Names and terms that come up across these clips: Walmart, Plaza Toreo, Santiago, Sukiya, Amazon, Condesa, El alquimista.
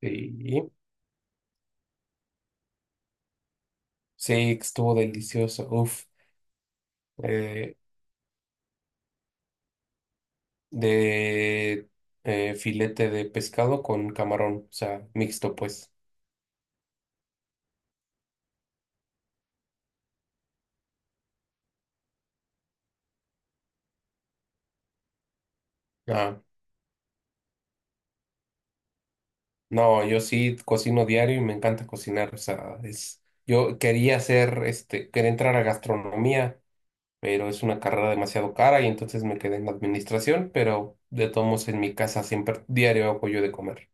Sí, sí, estuvo delicioso. Uf, eh, de filete de pescado con camarón, o sea, mixto, pues. Ah, no, yo sí cocino diario y me encanta cocinar, o sea, es. Yo quería hacer, quería entrar a gastronomía, pero es una carrera demasiado cara y entonces me quedé en administración, pero de todos modos en mi casa siempre diario hago yo de comer.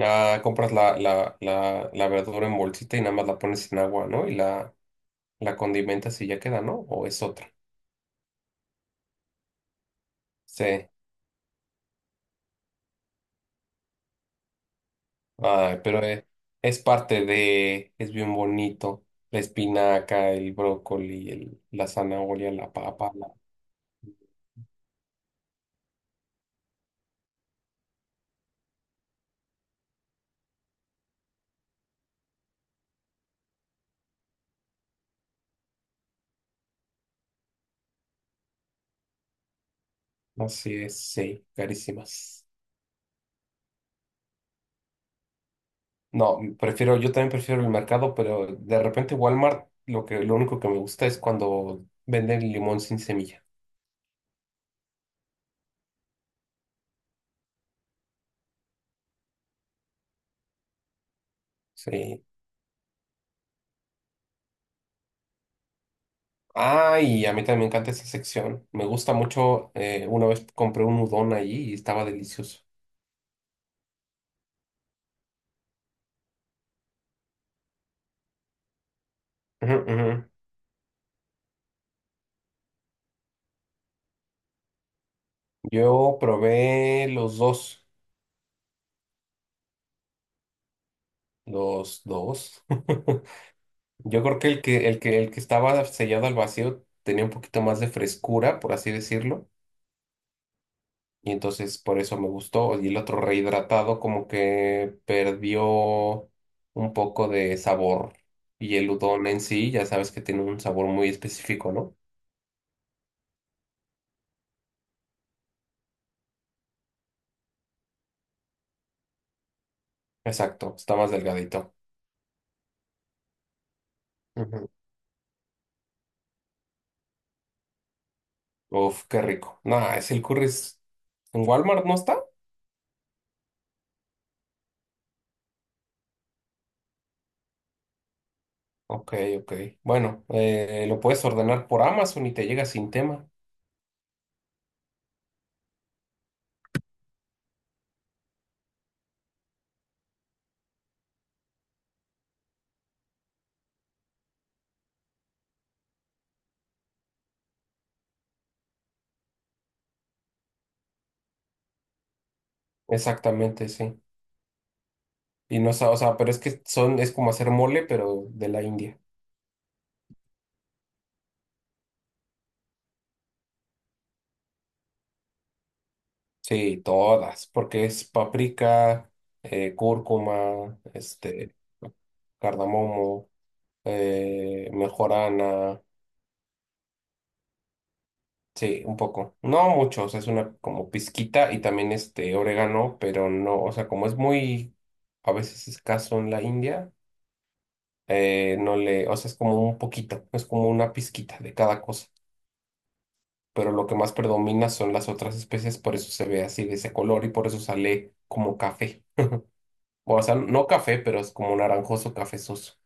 Ah, compras la verdura en bolsita y nada más la pones en agua, ¿no? La condimenta sí ya queda, ¿no? ¿O es otra? Sí. Ay, es parte de, es bien bonito. La espinaca, el brócoli, la zanahoria, la papa. Así es, sí, carísimas. No, prefiero, yo también prefiero el mercado, pero de repente Walmart, lo único que me gusta es cuando venden limón sin semilla. Sí. Ah, y a mí también me encanta esa sección. Me gusta mucho. Una vez compré un udon allí y estaba delicioso. Ujú, ujú. Yo probé los dos. Los dos. Yo creo que el que estaba sellado al vacío tenía un poquito más de frescura, por así decirlo. Y entonces por eso me gustó. Y el otro rehidratado como que perdió un poco de sabor. Y el udon en sí, ya sabes que tiene un sabor muy específico, ¿no? Exacto, está más delgadito. Ujú. Uf, qué rico. Nah, es el curry. ¿En Walmart no está? Ok, ok. Bueno, lo puedes ordenar por Amazon y te llega sin tema. Exactamente, sí. Y no, o sea, pero es que es como hacer mole, pero de la India. Sí, todas, porque es paprika, cúrcuma, cardamomo, mejorana, sí, un poco, no mucho, o sea, es una como pizquita y también este orégano, pero no, o sea, como es muy a veces escaso en la India, no le, o sea, es como un poquito, es como una pizquita de cada cosa, pero lo que más predomina son las otras especies, por eso se ve así de ese color y por eso sale como café. O sea, no café, pero es como naranjoso cafezoso.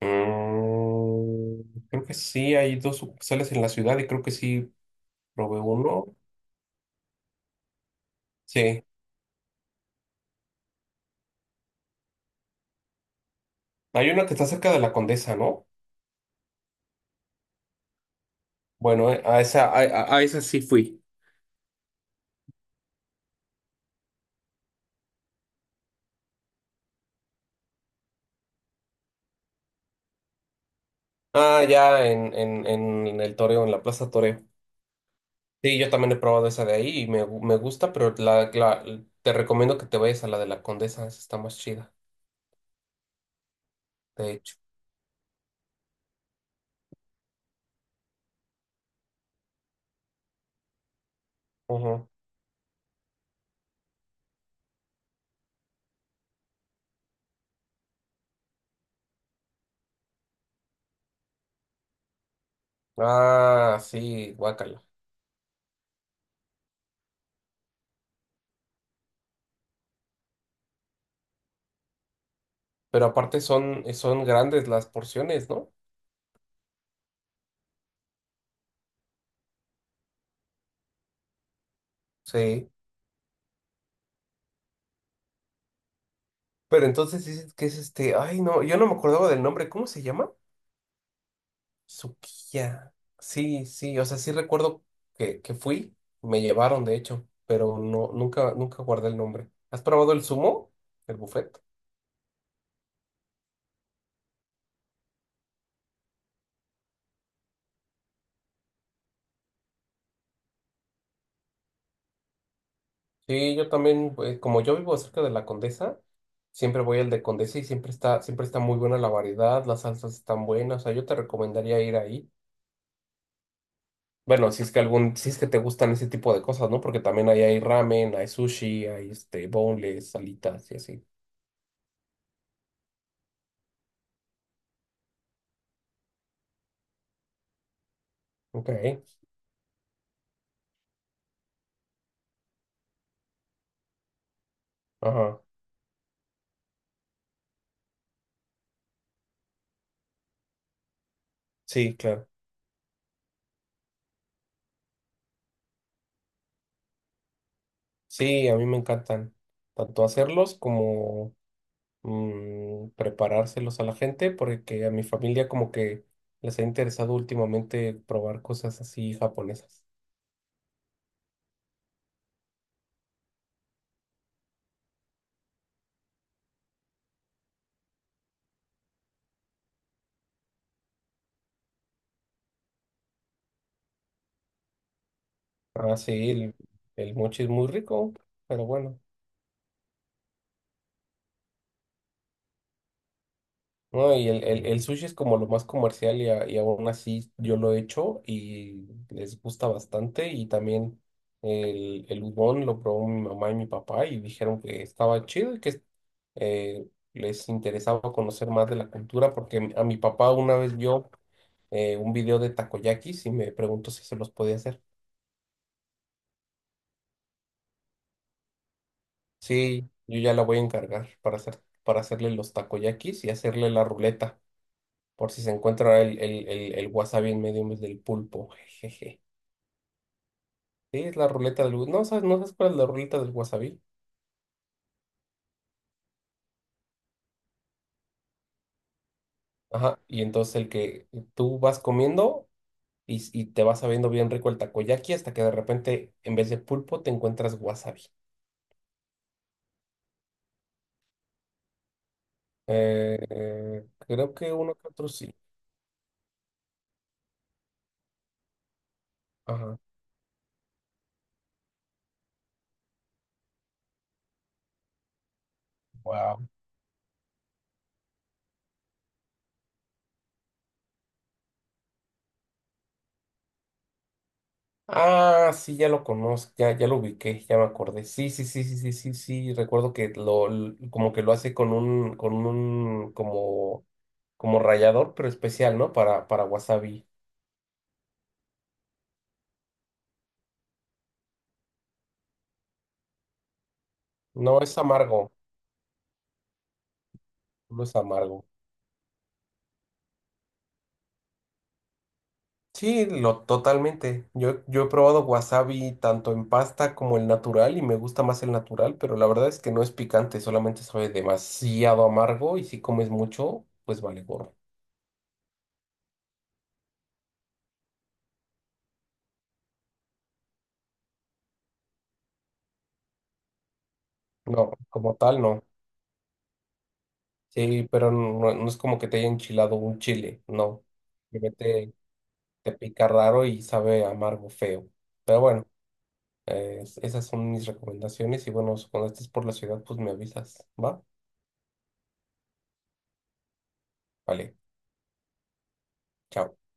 Mm, creo que sí, hay dos sucursales en la ciudad y creo que sí probé uno. Sí, hay una que está cerca de la Condesa, ¿no? Bueno, a esa sí fui. Ah, ya en el Toreo, en la Plaza Toreo. Sí, yo también he probado esa de ahí y me gusta, pero te recomiendo que te vayas a la de la Condesa, esa está más chida, de hecho. Ujú. Ah, sí, guacala. Pero aparte son, son grandes las porciones, ¿no? Sí. Pero entonces dices que es este, ay no, yo no me acordaba del nombre, ¿cómo se llama? Sukiya. Sí, sí, o sea, sí recuerdo que fui, me llevaron de hecho, pero no, nunca guardé el nombre. ¿Has probado el sumo? El buffet. Sí, yo también, como yo vivo cerca de la Condesa, siempre voy al de Condesa y siempre está muy buena la variedad, las salsas están buenas, o sea, yo te recomendaría ir ahí. Bueno, si es que te gustan ese tipo de cosas, ¿no? Porque también ahí hay ramen, hay sushi, hay este boneless, salitas y así. Ok, ajá. Sí, claro. Sí, a mí me encantan tanto hacerlos como preparárselos a la gente, porque a mi familia como que les ha interesado últimamente probar cosas así japonesas. Ah, sí, el mochi es muy rico, pero bueno. No, y el sushi es como lo más comercial y aún así yo lo he hecho y les gusta bastante. Y también el udon lo probó mi mamá y mi papá y dijeron que estaba chido y que eh, les interesaba conocer más de la cultura porque a mi papá una vez vio un video de takoyakis y me preguntó si se los podía hacer. Sí, yo ya la voy a encargar para hacer, para hacerle los takoyakis y hacerle la ruleta. Por si se encuentra el wasabi en medio en vez del pulpo. Jejeje. Sí, es la ruleta del... No sabes, no sabes cuál es la ruleta del wasabi. Ajá. Y entonces el que tú vas comiendo y te vas sabiendo bien rico el takoyaki hasta que de repente en vez de pulpo te encuentras wasabi. Creo que uno que otro sí. Ajá. Wow. Ah, sí, ya lo conozco, ya, ya lo ubiqué, ya me acordé. Sí, sí, sí, sí, sí, sí, sí. Recuerdo que como que lo hace con con un, como, como rallador, pero especial, ¿no? Para wasabi. No es amargo, no es amargo. Sí, lo totalmente. Yo he probado wasabi tanto en pasta como el natural y me gusta más el natural, pero la verdad es que no es picante, solamente sabe demasiado amargo y si comes mucho, pues vale gorro. No, como tal, no. Sí, pero no, no es como que te haya enchilado un chile, no. Simplemente te pica raro y sabe amargo, feo. Pero bueno, esas son mis recomendaciones y bueno, cuando estés por la ciudad, pues me avisas, ¿va? Vale, chao.